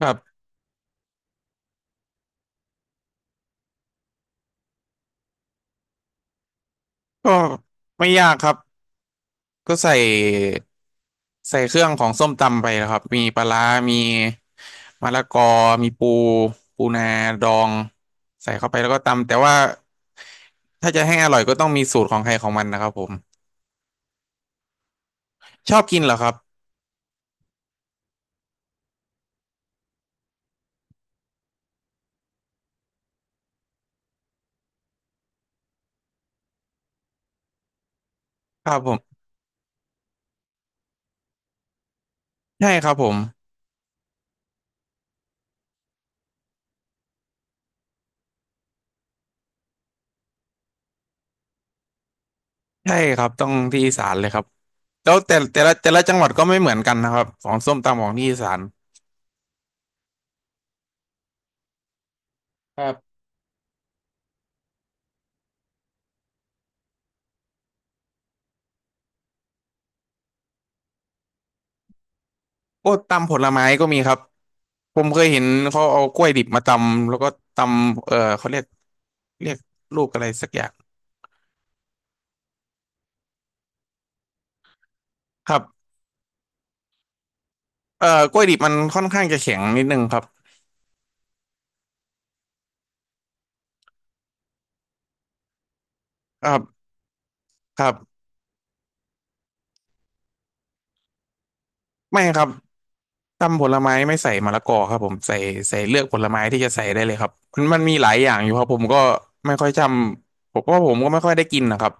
ครับก็ไม่ยากครับก็ใส่เครื่องของส้มตำไปนะครับมีปลาร้ามีมะละกอมีปูนาดองใส่เข้าไปแล้วก็ตำแต่ว่าถ้าจะให้อร่อยก็ต้องมีสูตรของใครของมันนะครับผมชอบกินเหรอครับครับผมใช่ครับผมใช่ครับต้องที่อีสานเลยครับแล้วแต่แต่ละจังหวัดก็ไม่เหมือนกันนะครับของส้มตำของที่อีสานครับก็ตำผลไม้ก็มีครับ ผมเคยเห็นเขาเอากล้วยดิบมาตำแล้วก็ตำเขาเรียกเรียกลูกอะไรสักอย่างครับกล้วยดิบมันค่อนข้างจะแข็งนิดนึงครับครับครับไม่ครับตำผลไม้ไม่ใส่มะละกอครับผมใส่เลือกผลไม้ที่จะใส่ได้เลยครับมันมีหลายอย่างอยู่ครับผมก็ไม่ค่อยจำผมว่าผมก็ไม่ค่อยได้กินนะครับ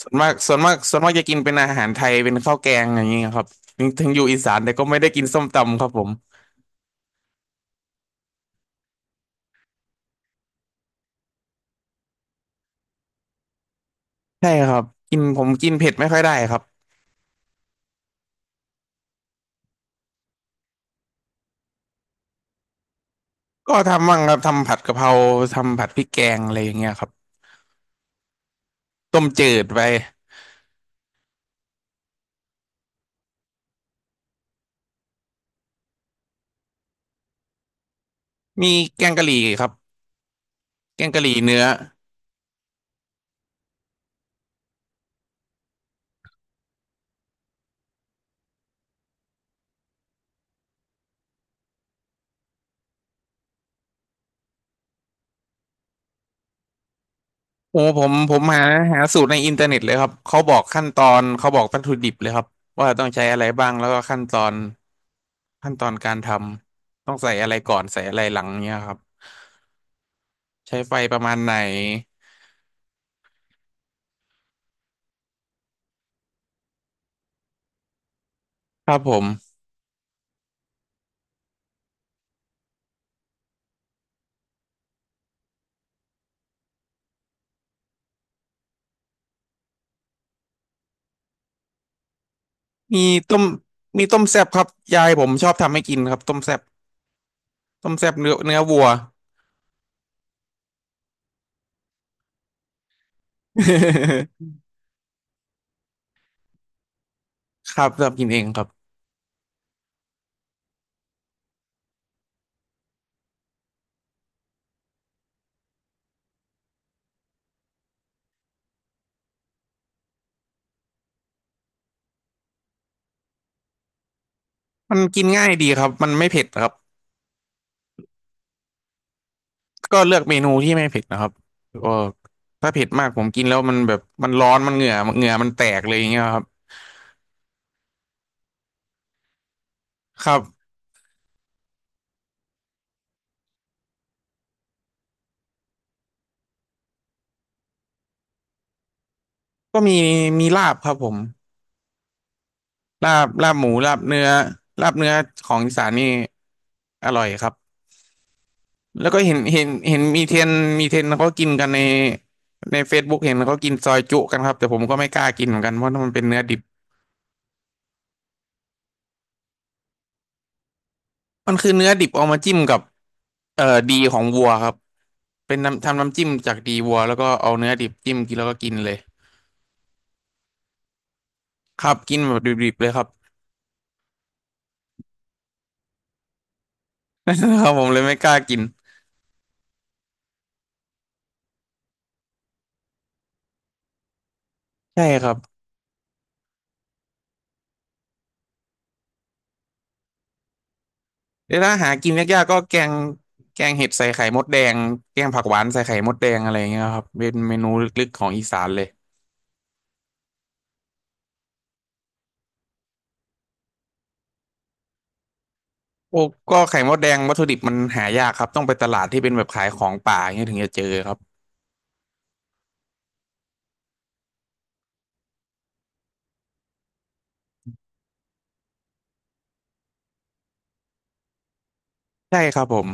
ส่วนมากจะกินเป็นอาหารไทยเป็นข้าวแกงอย่างเงี้ยครับถึงอยู่อีสานแต่ก็ไม่ได้กินส้มตำครับผมใช่ครับกินผมกินเผ็ดไม่ค่อยได้ครับ ก็ทำบ้างครับทำผัดกะเพราทำผัดพริกแกงอะไรอย่างเงี้ยครับต้มจืดไปมีแกงกะหรี่ครับแกงกะหรี่เนื้อโอ้ผมหาสูตรในอินเทอร์เน็ตเลยครับเขาบอกขั้นตอนเขาบอกวัตถุดิบเลยครับว่าต้องใช้อะไรบ้างแล้วก็ขั้นตอนการทำต้องใส่อะไรก่อนใส่อะไรหลังเนี้ยครับใช้ไฟประมาณไหนครับผมมีต้มต้มแซ่บครับยายผมชอบทำให้กินครับต้มแซ่บต้มแซ่บเนื้อวัว ครับชอบกินเองครับ มันกินง่ายดีครับมันไม่เผ็ดครับก็เลือกเมนูที่ไม่เผ็ดนะครับก็ถ้าเผ็ดมากผมกินแล้วมันแบบมันร้อนมันเหงื่อมันแตกเลยอย่างเงี้ยครับครับก็มีมีลาบครับผมลาบลาบหมูลาบเนื้อลาบเนื้อของอีสานนี่อร่อยครับแล้วก็เห็นมีเทรนด์เขากินกันในFacebook เห็นเขากินซอยจุกันครับแต่ผมก็ไม่กล้ากินเหมือนกันเพราะมันเป็นเนื้อดิบมันคือเนื้อดิบเอามาจิ้มกับเอ่อดีของวัวครับ เป็นน้ำทำน้ำจิ้มจากดีวัวแล้วก็เอาเนื้อดิบจิ้มกินแล้วก็กินเลยครับกินแบบดิบๆเลยครับ ครับผมเลยไม่กล้ากินใช่ครับเดี๋ยวถ้าหากินยากๆก็แกงเห็ดใส่ไข่มดแดงแกงผักหวานใส่ไข่มดแดงอะไรอย่างเงี้ยครับเป็นเมนูลึกๆของอีสานเลยโอ้ก็ไข่มดแดงวัตถุดิบมันหายากครับต้องไปตลาดที่เป็นแบบขายของป่าอย่างเงี้ยถึงจะเจอครับใช่ครับผม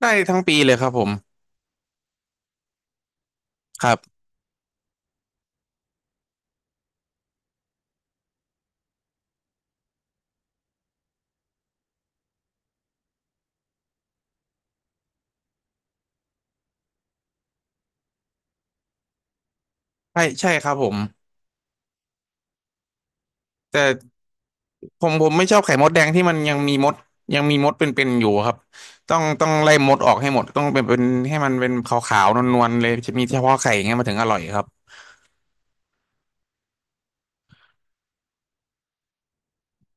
ได้ทั้งปีเลยครับผมครับใช่ครับผมแต่ ผมไม่ชอบไข่มดแดงที่มันยังมีมดเป็นๆอยู่ครับต้องไล่มดออกให้หมดต้องเป็นให้มันเป็นขาวๆนวลๆเลยจะมีเฉพาะไข่อย่างเงี้ยมันถึงอร่อยครับ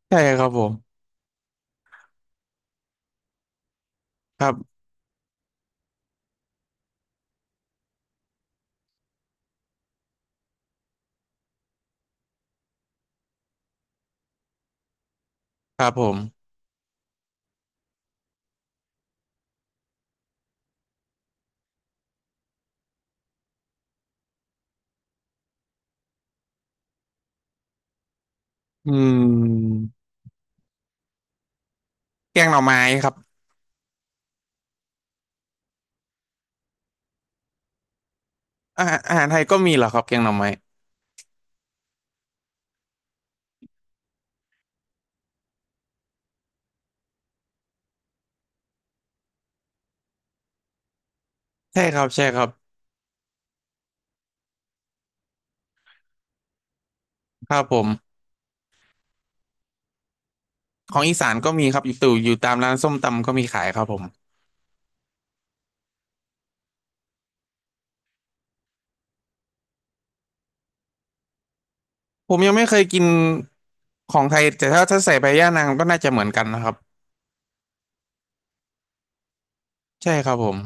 ใช่ครับผมครับครับผมอืมแกงหน่อไม้ครับอาหารไทยก็มีเหรอครับแกงหน่อไม้ใช่ครับใช่ครับครับผมของอีสานก็มีครับอยู่ตู่อยู่ตามร้านส้มตำก็มีขายครับผมผมยังไม่เคยกินของไทยแต่ถ้าใส่ใบย่านางก็น่าจะเหมือนกันนะครับใช่ครับผม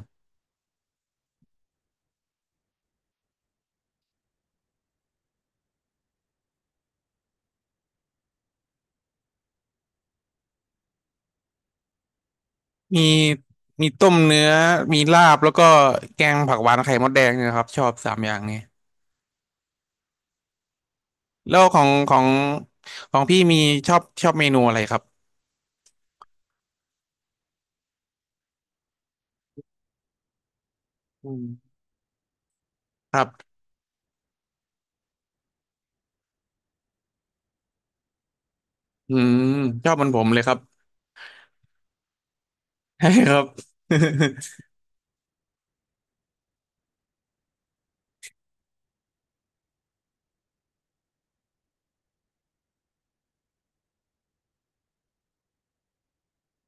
มีมีต้มเนื้อมีลาบแล้วก็แกงผักหวานไข่มดแดงเนี่ยครับชอบ3 อย่างนี้แล้วของพี่มีชอบเมนูอะไรครับอืมครับอืมชอบเหมือนผมเลยครับ ใช่ครับ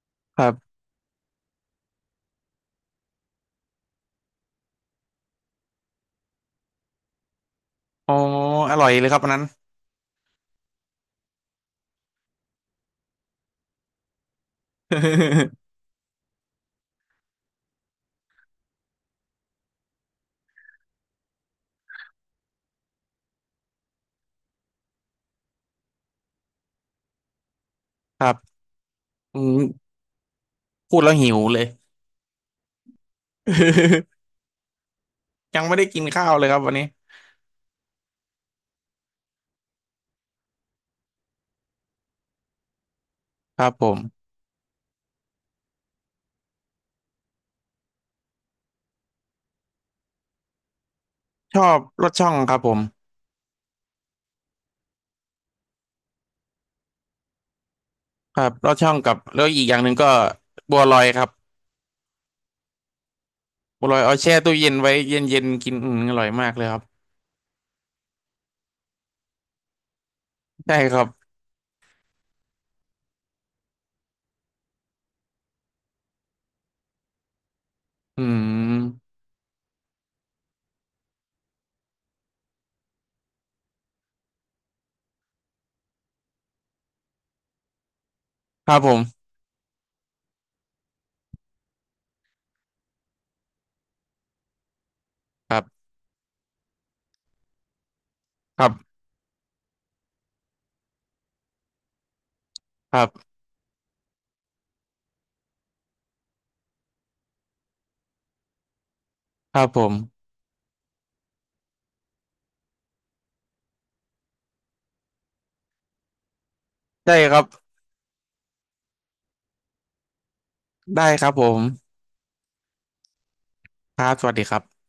ครับอ๋ออร่อยเลยครับอันนั้น ครับอืมพูดแล้วหิวเลย ยังไม่ได้กินข้าวเลยครับวันนี้ครับผมชอบลอดช่องครับผมครับลอดช่องกับแล้วอีกอย่างหนึ่งก็บัวลอยครับ บัวลอยเอาแช่ตู้เย็นไว้เย็นๆกินอืมอร่อยมากเลยครับใช่ครับอืมครับผมครับครับครับครับผมได้ครับได้ครับผมครับสวัสดีครับ